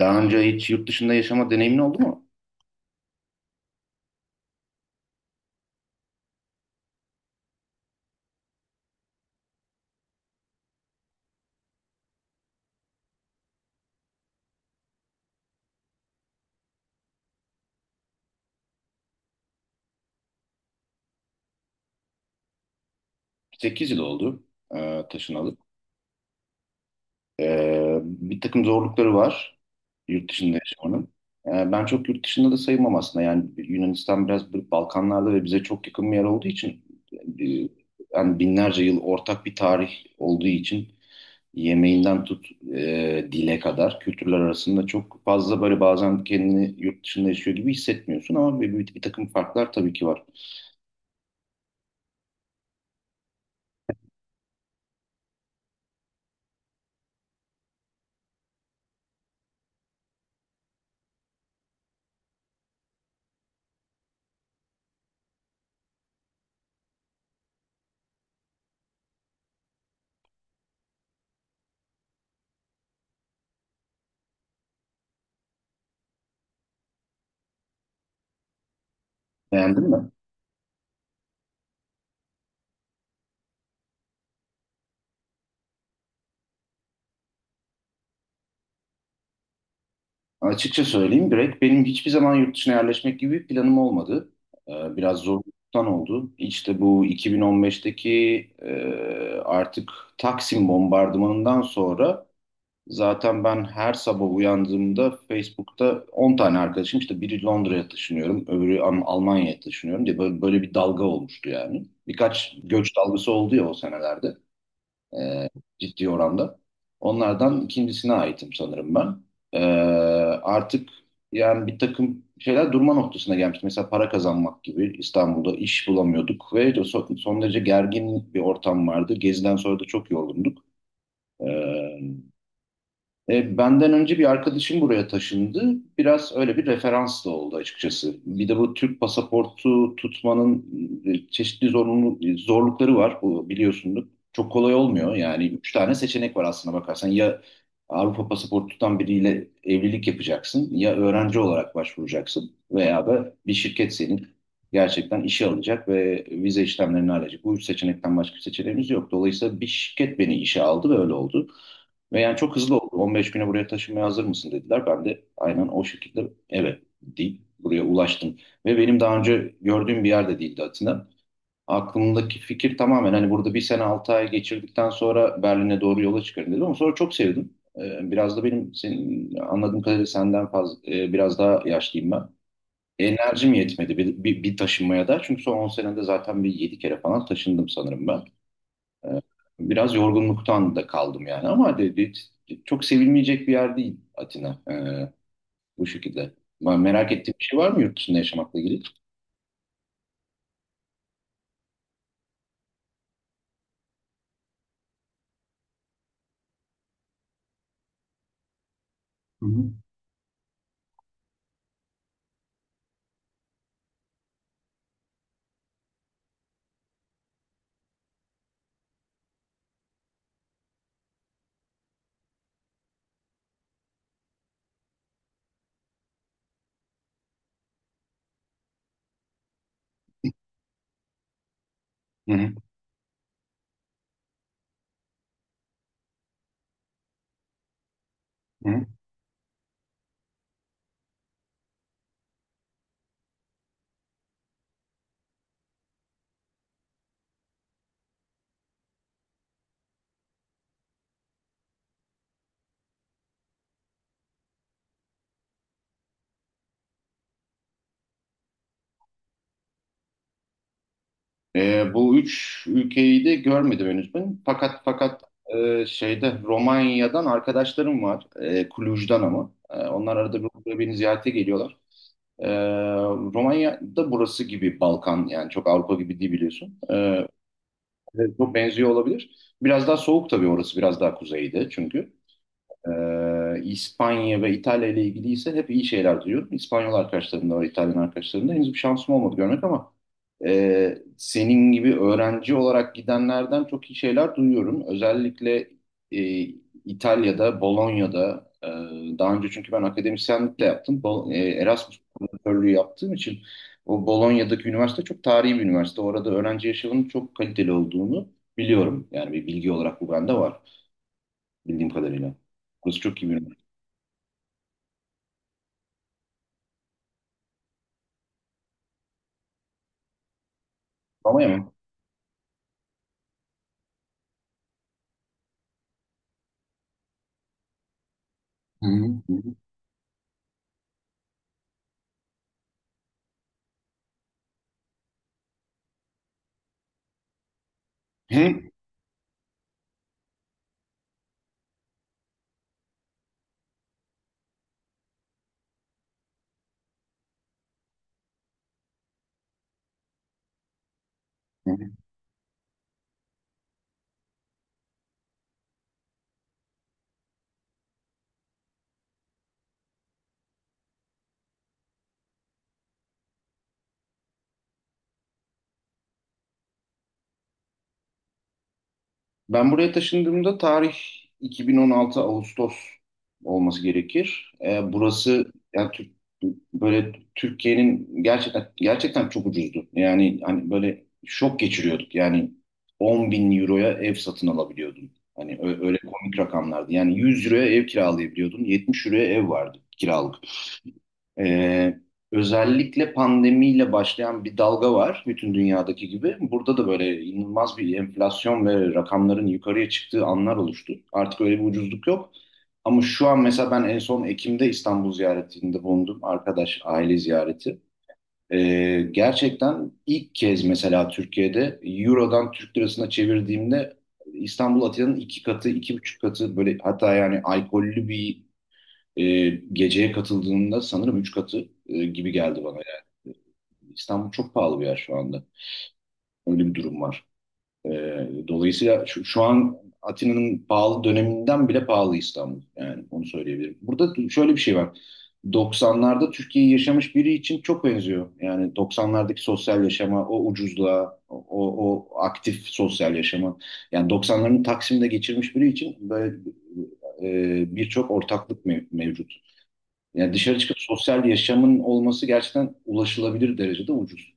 Daha önce hiç yurt dışında yaşama deneyimin oldu mu? 8 yıl oldu, taşınalı. Bir takım zorlukları var yurt dışında yaşamanın. Ben çok yurt dışında da sayılmam aslında. Yani Yunanistan biraz bir Balkanlarda ve bize çok yakın bir yer olduğu için e, yani binlerce yıl ortak bir tarih olduğu için yemeğinden tut dile kadar kültürler arasında çok fazla böyle bazen kendini yurt dışında yaşıyor gibi hissetmiyorsun ama bir takım farklar tabii ki var. Beğendin mi? Açıkça söyleyeyim, direkt benim hiçbir zaman yurt dışına yerleşmek gibi bir planım olmadı. Biraz zorluktan oldu. İşte bu 2015'teki e, artık Taksim bombardımanından sonra zaten ben her sabah uyandığımda Facebook'ta 10 tane arkadaşım işte biri Londra'ya taşınıyorum, öbürü Almanya'ya taşınıyorum diye böyle, böyle bir dalga olmuştu yani. Birkaç göç dalgası oldu ya o senelerde e, ciddi oranda. Onlardan ikincisine aitim sanırım ben. E, Artık yani bir takım şeyler durma noktasına gelmişti. Mesela para kazanmak gibi, İstanbul'da iş bulamıyorduk ve de son derece gergin bir ortam vardı. Geziden sonra da çok yorgunduk. E, Benden önce bir arkadaşım buraya taşındı. Biraz öyle bir referans da oldu açıkçası. Bir de bu Türk pasaportu tutmanın çeşitli zorunlu, zorlukları var. Bu, biliyorsunuz. Çok kolay olmuyor. Yani üç tane seçenek var aslına bakarsan. Ya Avrupa pasaportu tutan biriyle evlilik yapacaksın, ya öğrenci olarak başvuracaksın, veya da bir şirket senin gerçekten işe alacak ve vize işlemlerini halledecek. Bu üç seçenekten başka bir seçeneğimiz yok. Dolayısıyla bir şirket beni işe aldı ve öyle oldu. Ve yani çok hızlı oldu. 15 güne buraya taşınmaya hazır mısın dediler. Ben de aynen o şekilde evet deyip buraya ulaştım. Ve benim daha önce gördüğüm bir yerde değildi Atina. Aklımdaki fikir tamamen hani burada bir sene 6 ay geçirdikten sonra Berlin'e doğru yola çıkarım dedim. Ama sonra çok sevdim. Biraz da benim, senin anladığım kadarıyla senden fazla, biraz daha yaşlıyım ben. Enerjim yetmedi bir taşınmaya da. Çünkü son 10 senede zaten bir 7 kere falan taşındım sanırım ben. Ee, Biraz yorgunluktan da kaldım yani, ama dedi, çok sevilmeyecek bir yer değil Atina, bu şekilde. Ben, merak ettiğim bir şey var mı yurt dışında yaşamakla ilgili? Hı hı. Hı hı. Hı hı. Bu üç ülkeyi de görmedim henüz ben. Fakat şeyde, Romanya'dan arkadaşlarım var. Cluj'dan ama. Onlar arada bir buraya beni ziyarete geliyorlar. Ee, Romanya da burası gibi Balkan, yani çok Avrupa gibi değil biliyorsun. Evet, çok benziyor olabilir. Biraz daha soğuk tabii orası, biraz daha kuzeyde çünkü. İspanya ve İtalya ile ilgili ise hep iyi şeyler duyuyorum. İspanyol arkadaşlarımda ve İtalyan arkadaşlarımda henüz bir şansım olmadı görmek, ama senin gibi öğrenci olarak gidenlerden çok iyi şeyler duyuyorum. Özellikle e, İtalya'da, Bolonya'da, daha önce, çünkü ben akademisyenlik de yaptım. Erasmus profesörlüğü yaptığım için, o Bolonya'daki üniversite çok tarihi bir üniversite. Orada öğrenci yaşamının çok kaliteli olduğunu biliyorum. Yani bir bilgi olarak bu bende var, bildiğim kadarıyla. Burası çok iyi bir üniversite. Roma'ya mı? Hı hı. Hı hı. Hı hı. Ben buraya taşındığımda tarih 2016 Ağustos olması gerekir. Burası yani böyle Türkiye'nin, gerçekten gerçekten çok ucuzdu. Yani hani böyle şok geçiriyorduk. Yani 10 bin euroya ev satın alabiliyordun. Hani öyle komik rakamlardı. Yani 100 euroya ev kiralayabiliyordun. 70 euroya ev vardı kiralık. Ee, Özellikle pandemiyle başlayan bir dalga var, bütün dünyadaki gibi. Burada da böyle inanılmaz bir enflasyon ve rakamların yukarıya çıktığı anlar oluştu. Artık öyle bir ucuzluk yok. Ama şu an mesela, ben en son Ekim'de İstanbul ziyaretinde bulundum. Arkadaş, aile ziyareti. Gerçekten ilk kez mesela Türkiye'de Euro'dan Türk lirasına çevirdiğimde, İstanbul Atina'nın iki katı, iki buçuk katı böyle, hatta yani alkollü bir geceye katıldığında sanırım 3 katı, gibi geldi bana yani. İstanbul çok pahalı bir yer şu anda. Öyle bir durum var. E, Dolayısıyla şu an Atina'nın pahalı döneminden bile pahalı İstanbul. Yani onu söyleyebilirim. Burada şöyle bir şey var. 90'larda Türkiye'yi yaşamış biri için çok benziyor. Yani 90'lardaki sosyal yaşama, o ucuzluğa, o aktif sosyal yaşama. Yani 90'ların Taksim'de geçirmiş biri için böyle birçok ortaklık mevcut. Yani dışarı çıkıp sosyal yaşamın olması gerçekten ulaşılabilir derecede ucuz.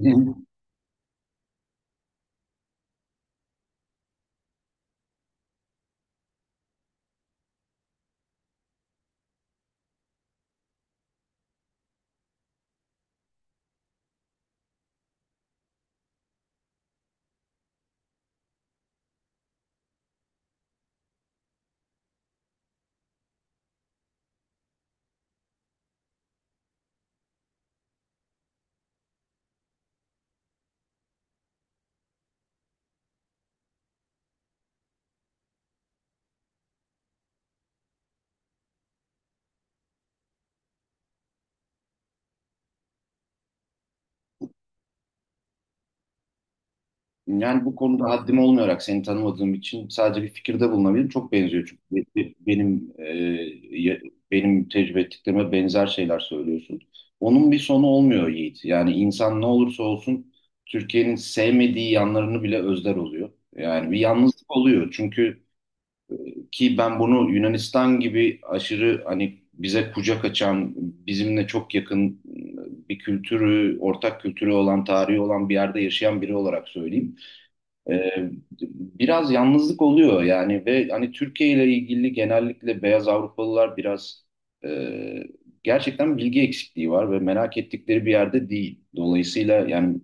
Hı. Yani bu konuda haddim olmayarak, seni tanımadığım için sadece bir fikirde bulunabilirim. Çok benziyor, çünkü benim ya- benim tecrübe ettiklerime benzer şeyler söylüyorsun. Onun bir sonu olmuyor Yiğit. Yani insan ne olursa olsun, Türkiye'nin sevmediği yanlarını bile özler oluyor. Yani bir yalnızlık oluyor. Ki ben bunu Yunanistan gibi aşırı hani bize kucak açan, bizimle çok yakın bir kültürü, ortak kültürü olan, tarihi olan bir yerde yaşayan biri olarak söyleyeyim. Ee, Biraz yalnızlık oluyor yani, ve hani Türkiye ile ilgili genellikle beyaz Avrupalılar biraz e, gerçekten bilgi eksikliği var ve merak ettikleri bir yerde değil. Dolayısıyla yani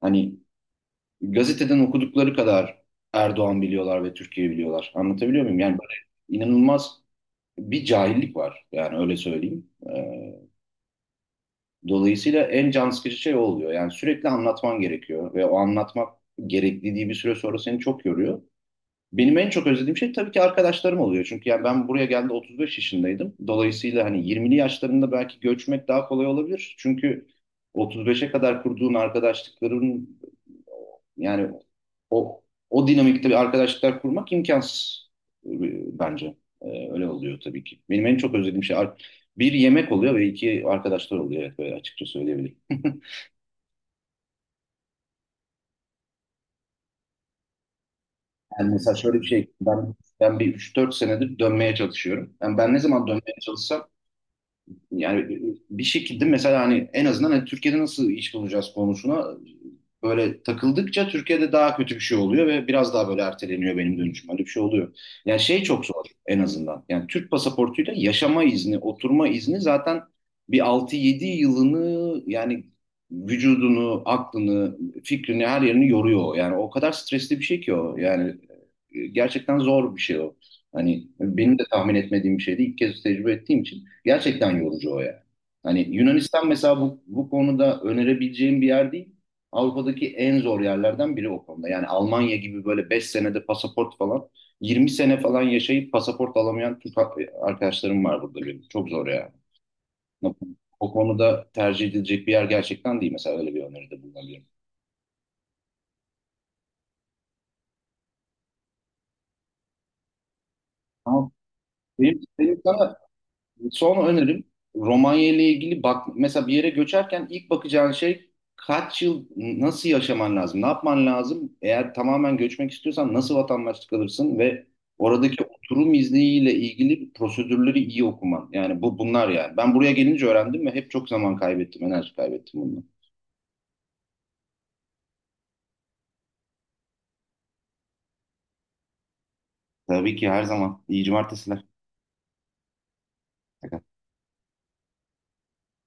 hani gazeteden okudukları kadar Erdoğan biliyorlar ve Türkiye biliyorlar. Anlatabiliyor muyum? Yani böyle inanılmaz bir cahillik var. Yani öyle söyleyeyim. Ee, Dolayısıyla en can sıkıcı şey o oluyor. Yani sürekli anlatman gerekiyor ve o anlatmak gerekliliği bir süre sonra seni çok yoruyor. Benim en çok özlediğim şey tabii ki arkadaşlarım oluyor. Çünkü yani, ben buraya geldiğimde 35 yaşındaydım. Dolayısıyla hani 20'li yaşlarında belki göçmek daha kolay olabilir. Çünkü 35'e kadar kurduğun arkadaşlıkların, yani o o dinamikte bir arkadaşlıklar kurmak imkansız, bence. Öyle oluyor tabii ki. Benim en çok özlediğim şey bir yemek oluyor ve iki arkadaşlar oluyor. Evet, böyle açıkça söyleyebilirim. Yani mesela şöyle bir şey, ben bir üç dört senedir dönmeye çalışıyorum. Yani ben ne zaman dönmeye çalışsam yani bir şekilde mesela, hani en azından hani Türkiye'de nasıl iş bulacağız konusuna böyle takıldıkça, Türkiye'de daha kötü bir şey oluyor ve biraz daha böyle erteleniyor benim dönüşüm. Öyle bir şey oluyor. Yani şey çok zor en azından. Yani Türk pasaportuyla yaşama izni, oturma izni zaten bir altı yedi yılını yani, vücudunu, aklını, fikrini, her yerini yoruyor. Yani o kadar stresli bir şey ki o. Yani gerçekten zor bir şey o. Hani benim de tahmin etmediğim bir şeydi, İlk kez tecrübe ettiğim için. Gerçekten yorucu o ya. Hani Yunanistan mesela bu konuda önerebileceğim bir yer değil. Avrupa'daki en zor yerlerden biri o konuda. Yani Almanya gibi böyle 5 senede pasaport falan, 20 sene falan yaşayıp pasaport alamayan Türk arkadaşlarım var burada benim. Çok zor ya. O konuda tercih edilecek bir yer gerçekten değil. Mesela öyle bir öneride bulunabilirim. Ama benim sana son önerim, Romanya ile ilgili bak mesela, bir yere göçerken ilk bakacağın şey, kaç yıl nasıl yaşaman lazım? Ne yapman lazım? Eğer tamamen göçmek istiyorsan nasıl vatandaşlık alırsın ve oradaki oturum izniyle ilgili prosedürleri iyi okuman. Yani bu bunlar yani. Ben buraya gelince öğrendim ve hep çok zaman kaybettim, enerji kaybettim bundan. Tabii ki, her zaman. İyi cumartesiler.